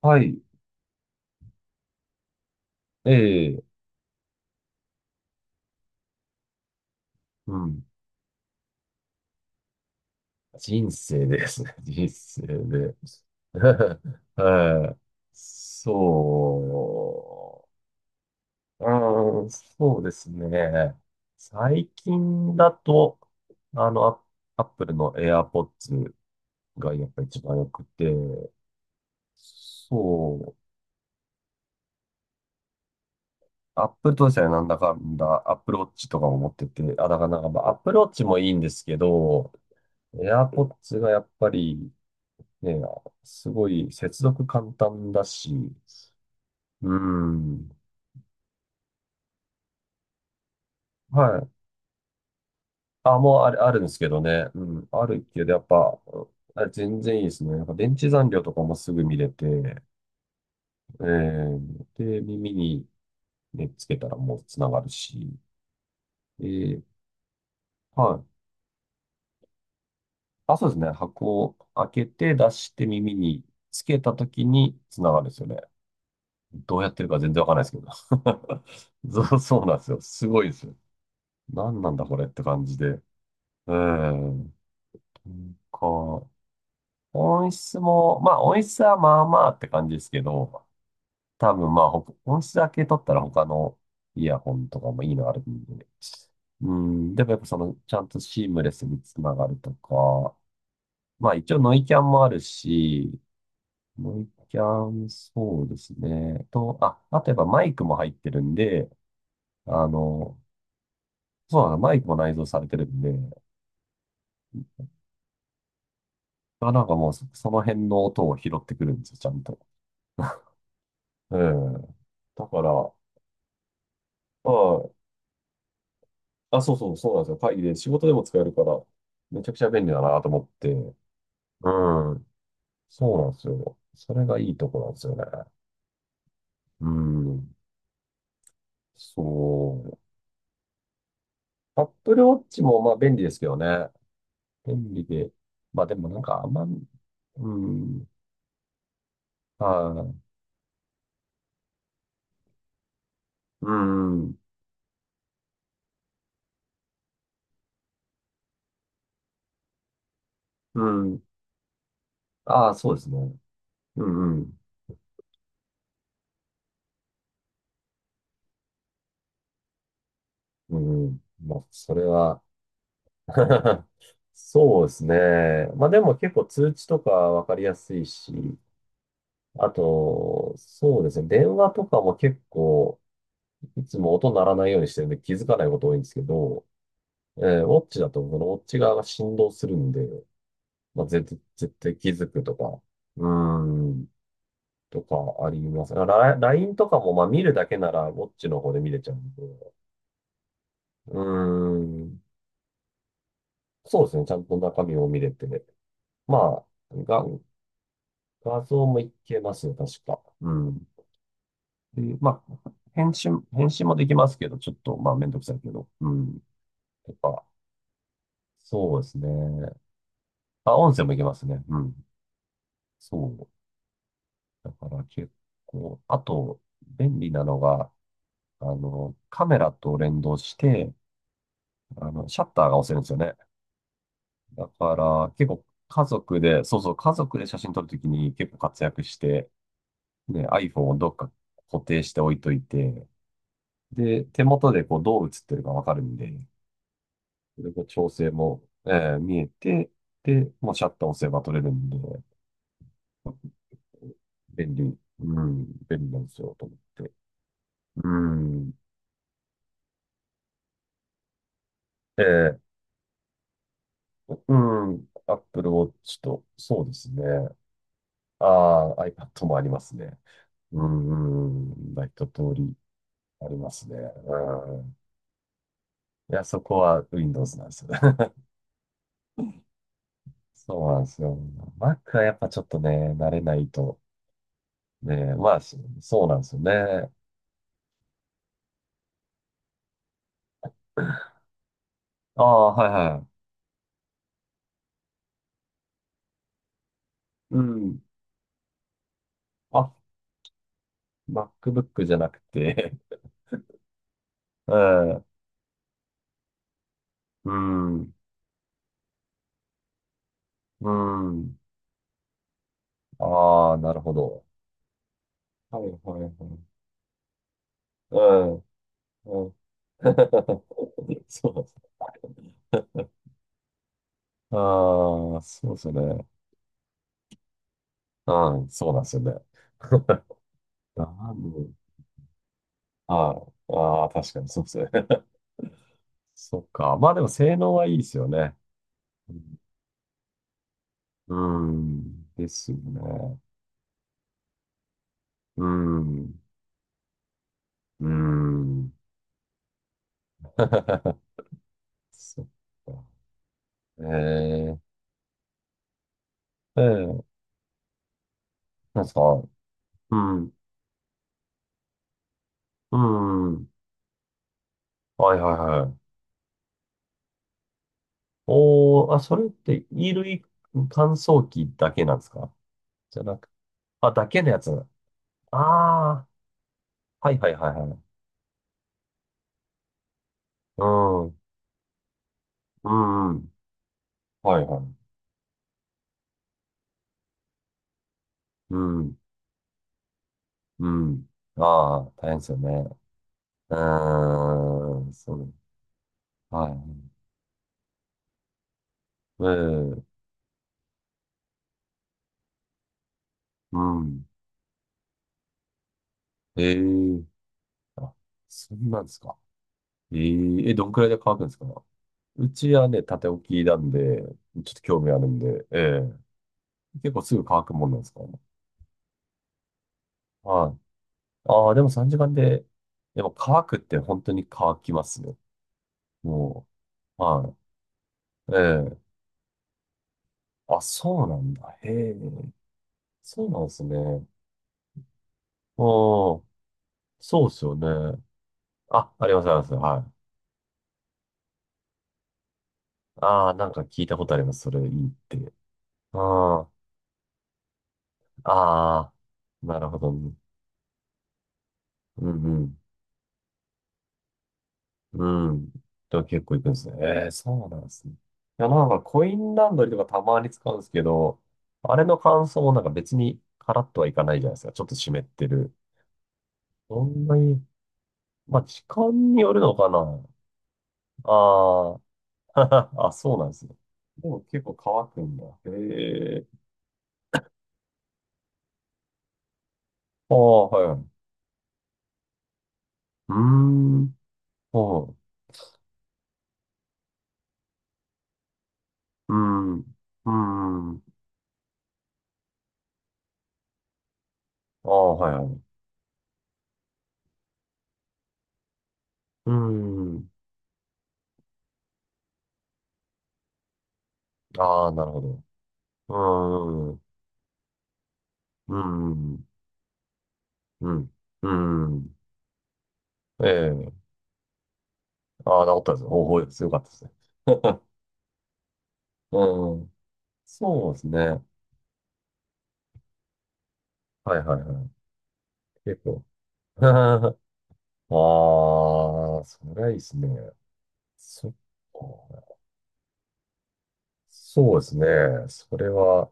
はい。ええ、うん。人生ですね。人生で。はい。そう。うん、そうですね。最近だと、あの、アアップルの AirPods がやっぱ一番良くて、そう。アップルとですね、なんだかんだ、アップルウォッチとかも持ってて、あ、だからなんか、まあ、アップルウォッチもいいんですけど、AirPods がやっぱりね、すごい接続簡単だし、うん。はい。あ、もうある、あるんですけどね。うん。あるけど、やっぱ、あ、全然いいですね。なんか電池残量とかもすぐ見れて、で、耳に、ね、つけたらもうつながるし、えー、はい。あ、そうですね。箱を開けて出して耳につけたときにつながるんですよね。どうやってるか全然わかんないですけど。そう、そうなんですよ。すごいですよ。何なんだこれって感じで。うん。こ音質も、まあ音質はまあまあって感じですけど、多分まあ音質だけ取ったら他のイヤホンとかもいいのあるんで。うん、でもやっぱその、ちゃんとシームレスにつながるとか、まあ一応ノイキャンもあるし、ノイキャン、そうですね。あとやっぱマイクも入ってるんで、あの、そうなの、マイクも内蔵されてるんで、まあなんかもうそ、その辺の音を拾ってくるんですよ、ちゃんと。うん。だから、はい。あ、そうなんですよ。会議で仕事でも使えるから、めちゃくちゃ便利だなと思って。うん。そうなんですよ。それがいいとこなんですよね。うん。そう。Apple Watch もまあ便利ですけどね。便利で。まあでもなんかあんま、うん。はい。うん。うん。ああ、そうですね。うんうん。うんうん。まあ、それは、そうですね。まあでも結構通知とかわかりやすいし、あと、そうですね。電話とかも結構、いつも音鳴らないようにしてるんで気づかないこと多いんですけど、ウォッチだと、このウォッチ側が振動するんで、まあ、絶対絶対気づくとか、うーん、とかあります。LINE とかも、まあ見るだけならウォッチの方で見れちゃうんで、うーん、そうですね。ちゃんと中身を見れて、まあ、が、画像もいけますよ、確か。うん。で、まあ、返信もできますけど、ちょっと、まあ、めんどくさいけど。うん。やっぱ、そうですね。あ、音声もいけますね。うん。そう。だから結構、あと、便利なのが、あの、カメラと連動して、あの、シャッターが押せるんですよね。だから、結構、家族で、そうそう、家族で写真撮るときに結構活躍して、ね、iPhone をどっか固定して置いといて、で、手元でこうどう映ってるかわかるんで、それ調整も、見えて、で、もうシャッター押せば撮れるんで、便利なんですよ、と思って。うん、えーうApple Watch と、そうですね。ああ、iPad もありますね。うん、うん、まあ一通りありますね。うん。いや、そこは Windows なんですよ。そうなんですよ。Mac はやっぱちょっとね、慣れないと。ね、まあ、そうなんですよね。ああ、はいはい。うん。あ、MacBook じゃなくて。 うん。うん。うん。ああ、なるほど。はいはいはい。うん。うん。そうなんですね。ああ、そうですよね。うん、そうなんですよね。なんで、ああ、ああ、確かにそうですね。そっか。まあでも性能はいいですよね。うん、うんですよね。うん、うん。そっか。ええ、ええ、なんですか。うん。うん。はいはいはい。おー、あ、それって衣類乾燥機だけなんですか？じゃなく、あ、だけのやつ。ああ、はいはいはいはい。うん。うんうん。はいはい。うん。うん。ああ、大変ですよね。うーん、そう。はい。ええ、うん。ええ、あ、そんなんですか？ええ、えどんくらいで乾くんですか？うちはね、縦置きなんで、ちょっと興味あるんで、ええ。結構すぐ乾くもんなんですか？はい。ああ、でも3時間で、でも乾くって本当に乾きますよ。もう、はい。ええ。あ、そうなんだ。へえ。そうなんですね。おー、そうですよね。あ、あります、あります。はい。ああ、なんか聞いたことあります。それいいって。ああ、ああ、なるほどね。うんうんうん。では結構行くんですね。えー、そうなんですね。いや、なんかコインランドリーとかたまに使うんですけど、あれの乾燥もなんか別にカラッとはいかないじゃないですか。ちょっと湿ってる。そんなに、まあ時間によるのかな。あー。 あ、そうなんですね。でも結構乾くんだ。へえ。ああ、はいはい。うーん。ほう。うーん。うーん。ああ、はいはい。うーん。ああ、なるほど。うーん。うーん。うん。うん。ええ、ああ、治ったですね。方法です。よかったですね。うん。そうですね。はいはいはい。結構。ああ、それはいいですね。そっか。そうですね。それは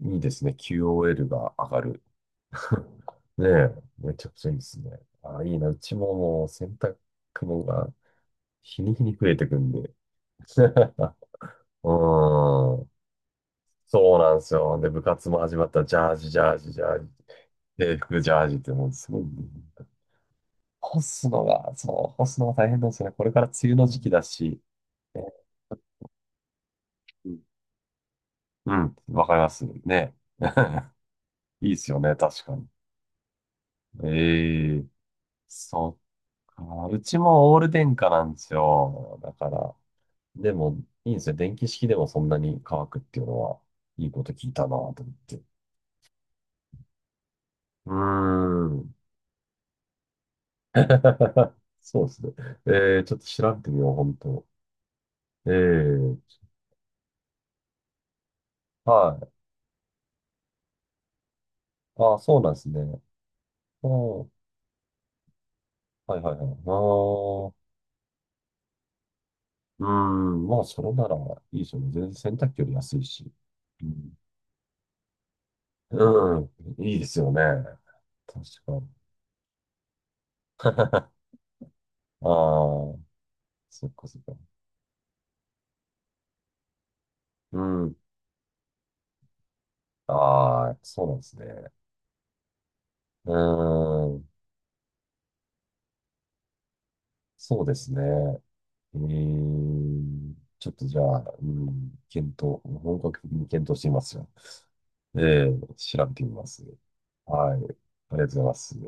いいですね。QOL が上がる。ねえ、めちゃくちゃいいですね。ああ、いいな。うちももう洗濯物が日に日に増えてくんで。うん。そうなんですよ。で、部活も始まったら、ジャージ、ジャージ、ジャージ、制服、ジャージって、もうすごい、干すのが大変なんですよね。これから梅雨の時期だし、ね、うん、うん、わかりますね。いいですよね、確かに。ええ、そっか。うちもオール電化なんですよ。だから、でも、いいんですよ。電気式でもそんなに乾くっていうのは、いいこと聞いたなと思って。うーん。そうですね。えー、ちょっと調べてみよう、本当。ええ、はい。ああ、そうなんですね。うん。はいはいはい。ああ、うん。まあ、それならいいですよね。全然洗濯機より安いし。うん。うん。いいですよね。確かに。ああ、そっかそっか。うん。ああ、そうなんですね。うん。そうですね。ええ、ちょっとじゃあ、うん、検討、本格的に検討してみますよ。ええ、調べてみます。はい。ありがとうございます。